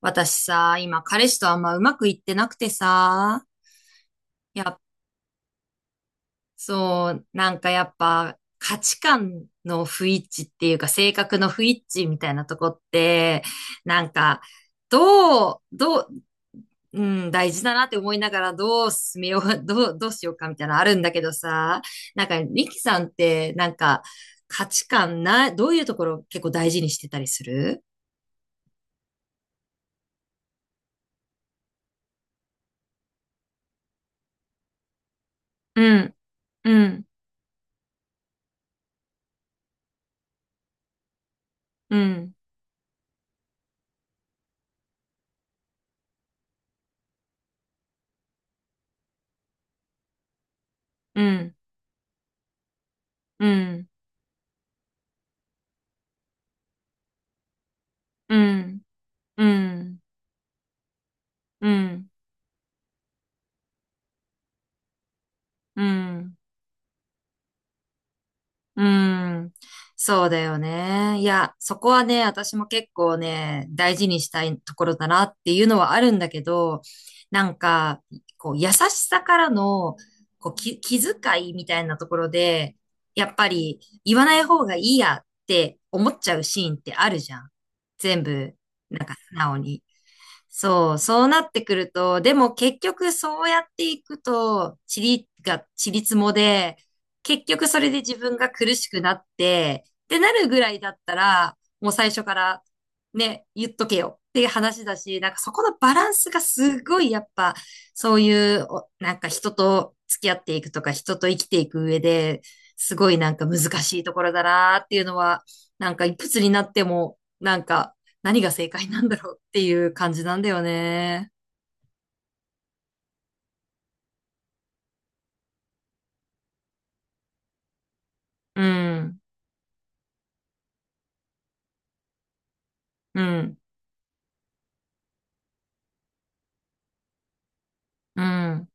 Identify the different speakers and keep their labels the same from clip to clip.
Speaker 1: 私さ、今彼氏とあんまうまくいってなくてさ、やっ、そう、なんかやっぱ価値観の不一致っていうか性格の不一致みたいなとこって、なんか、どう、どう、うん、大事だなって思いながらどう進めよう、どうしようかみたいなのあるんだけどさ、なんかリキさんってなんか価値観な、どういうところ結構大事にしてたりする？うん、うん、うん、うん、うん、うん。うん、うん、うん。うん。そうだよね。いや、そこはね、私も結構ね、大事にしたいところだなっていうのはあるんだけど、なんか、こう、優しさからの、こう、気遣いみたいなところで、やっぱり言わない方がいいやって思っちゃうシーンってあるじゃん。全部、なんか素直に。そう、そうなってくると、でも結局そうやっていくと、塵もで、結局それで自分が苦しくなって、ってなるぐらいだったら、もう最初からね、言っとけよっていう話だし、なんかそこのバランスがすごいやっぱ、そういうなんか人と付き合っていくとか、人と生きていく上で、すごいなんか難しいところだなっていうのは、なんかいくつになっても、なんか何が正解なんだろうっていう感じなんだよね。うん、うん、うん。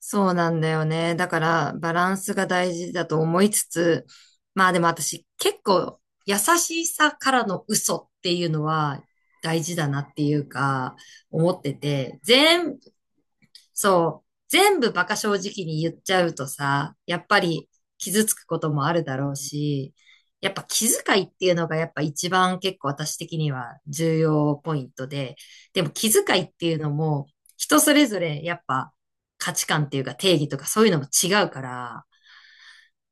Speaker 1: そうなんだよね。だから、バランスが大事だと思いつつ、まあでも私、結構、優しさからの嘘っていうのは大事だなっていうか、思ってて、そう。全部バカ正直に言っちゃうとさ、やっぱり傷つくこともあるだろうし、やっぱ気遣いっていうのがやっぱ一番結構私的には重要ポイントで、でも気遣いっていうのも人それぞれやっぱ価値観っていうか定義とかそういうのも違うから、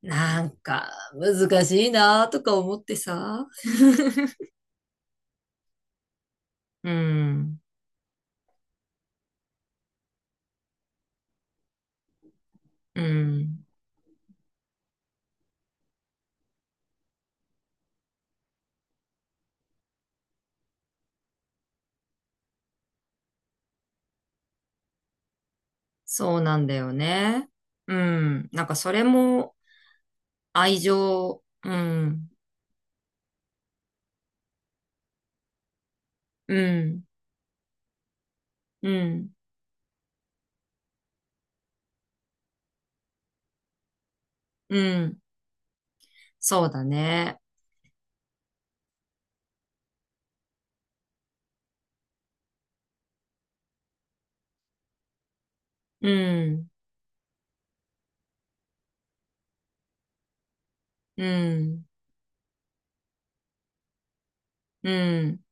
Speaker 1: なんか難しいなとか思ってさ。うん、うん、そうなんだよね。うん、なんかそれも愛情、うん、うん、うん、うん。そうだね。うん、うん、うん。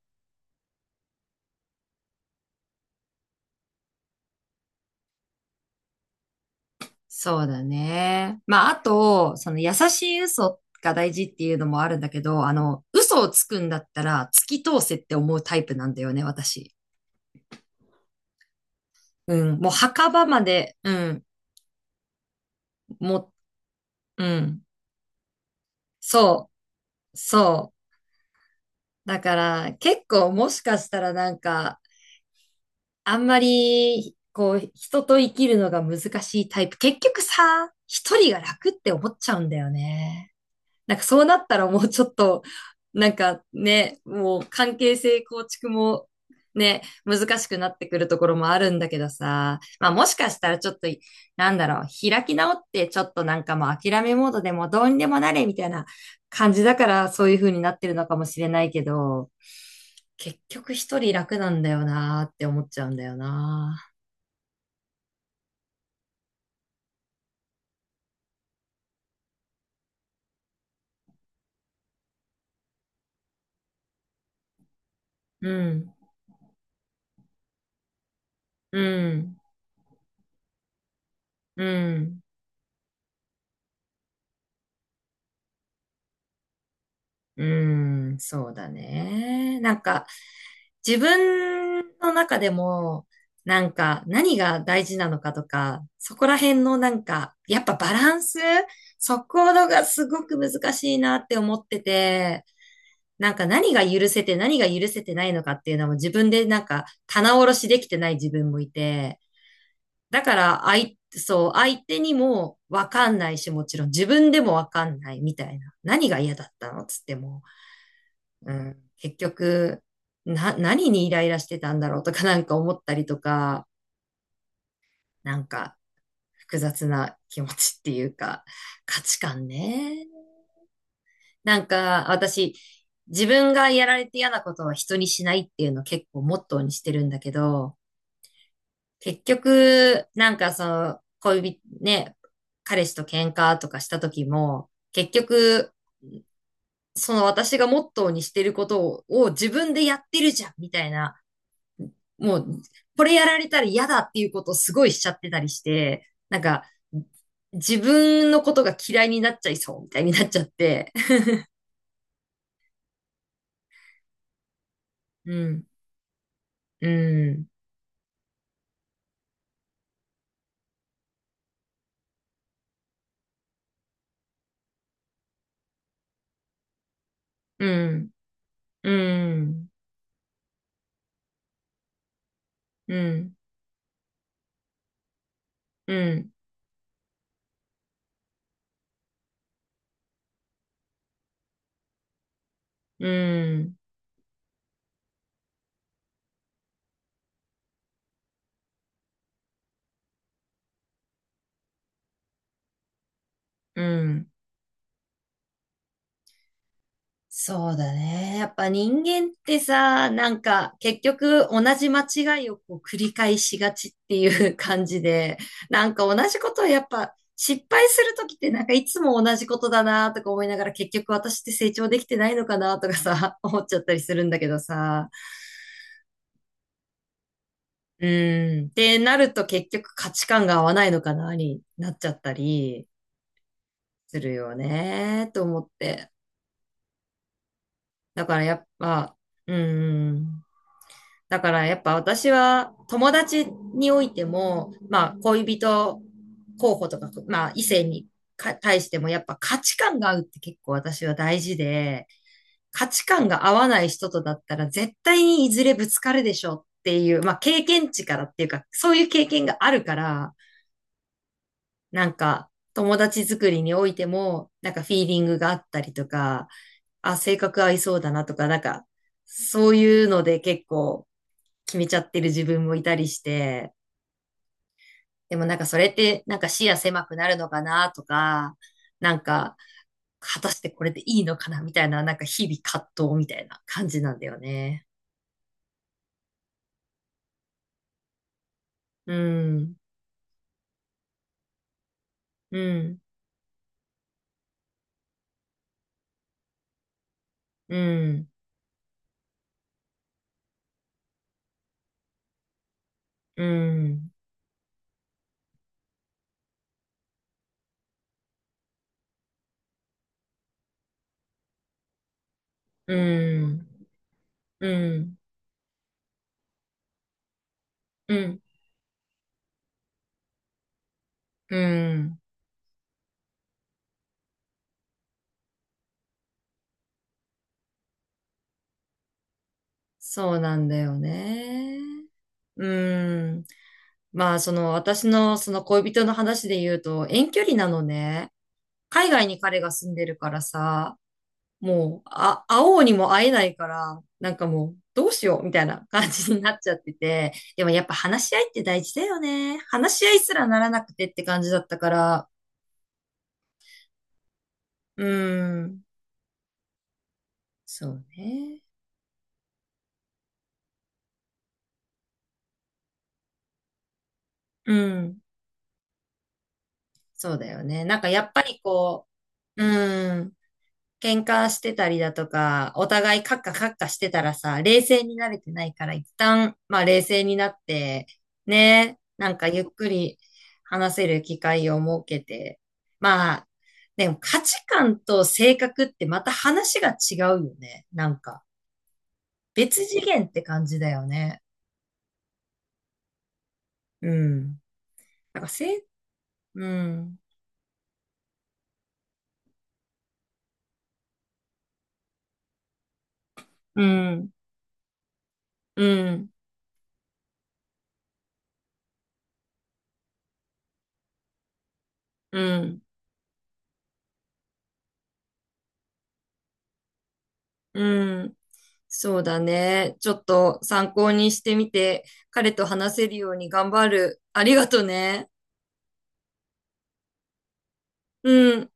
Speaker 1: そうだね。まあ、あと、その優しい嘘が大事っていうのもあるんだけど、あの、嘘をつくんだったら突き通せって思うタイプなんだよね、私。うん。もう墓場まで、うん。もう、うん。そう、そう。だから、結構もしかしたらなんか、あんまり、こう、人と生きるのが難しいタイプ。結局さ、一人が楽って思っちゃうんだよね。なんかそうなったらもうちょっと、なんかね、もう関係性構築もね、難しくなってくるところもあるんだけどさ、まあもしかしたらちょっと、なんだろう、開き直ってちょっとなんかもう諦めモードでもどうにでもなれみたいな感じだからそういう風になってるのかもしれないけど、結局一人楽なんだよなーって思っちゃうんだよな。うん、うん、うん、うん、そうだね。なんか、自分の中でも、なんか、何が大事なのかとか、そこら辺のなんか、やっぱバランス、そこのがすごく難しいなって思ってて、なんか何が許せて何が許せてないのかっていうのも自分でなんか棚卸しできてない自分もいて、だから、そう、相手にもわかんないし、もちろん自分でもわかんないみたいな。何が嫌だったのつっても、うん、結局、何にイライラしてたんだろうとかなんか思ったりとか、なんか複雑な気持ちっていうか、価値観ね。なんか、私、自分がやられて嫌なことは人にしないっていうのを結構モットーにしてるんだけど、結局、なんかその、恋人、ね、彼氏と喧嘩とかした時も、結局、その私がモットーにしてることを、自分でやってるじゃん、みたいな、もう、これやられたら嫌だっていうことをすごいしちゃってたりして、なんか、自分のことが嫌いになっちゃいそう、みたいになっちゃって。うん、うん、うん、うん、うん、うん、うん、うん。そうだね。やっぱ人間ってさ、なんか結局同じ間違いをこう繰り返しがちっていう 感じで、なんか同じことをやっぱ失敗するときってなんかいつも同じことだなとか思いながら結局私って成長できてないのかなとかさ、思っちゃったりするんだけどさ。うん。ってなると結局価値観が合わないのかなになっちゃったりするよね、と思って。だからやっぱ、うん。だからやっぱ私は友達においても、まあ恋人候補とか、まあ異性に対してもやっぱ価値観が合うって結構私は大事で、価値観が合わない人とだったら絶対にいずれぶつかるでしょっていう、まあ経験値からっていうか、そういう経験があるから、なんか友達作りにおいても、なんかフィーリングがあったりとか、あ、性格合いそうだなとか、なんか、そういうので結構決めちゃってる自分もいたりして、でもなんかそれってなんか視野狭くなるのかなとか、なんか果たしてこれでいいのかなみたいな、なんか日々葛藤みたいな感じなんだよね。うん、うん、うん、うん、うん、うん、うん、うん。そうなんだよね。うん。まあ、その私のその恋人の話で言うと遠距離なのね。海外に彼が住んでるからさ、もう、あ、会おうにも会えないから、なんかもう、どうしようみたいな感じになっちゃってて。でもやっぱ話し合いって大事だよね。話し合いすらならなくてって感じだったから。うん。そうね。うん。そうだよね。なんかやっぱりこう、うん。喧嘩してたりだとか、お互いカッカカッカしてたらさ、冷静になれてないから、一旦、まあ冷静になって、ね、なんかゆっくり話せる機会を設けて、まあ、でも価値観と性格ってまた話が違うよね。なんか、別次元って感じだよね。うん。なんか、うん、うん、うん、うん。うん。そうだね。ちょっと参考にしてみて、彼と話せるように頑張る。ありがとね。うん。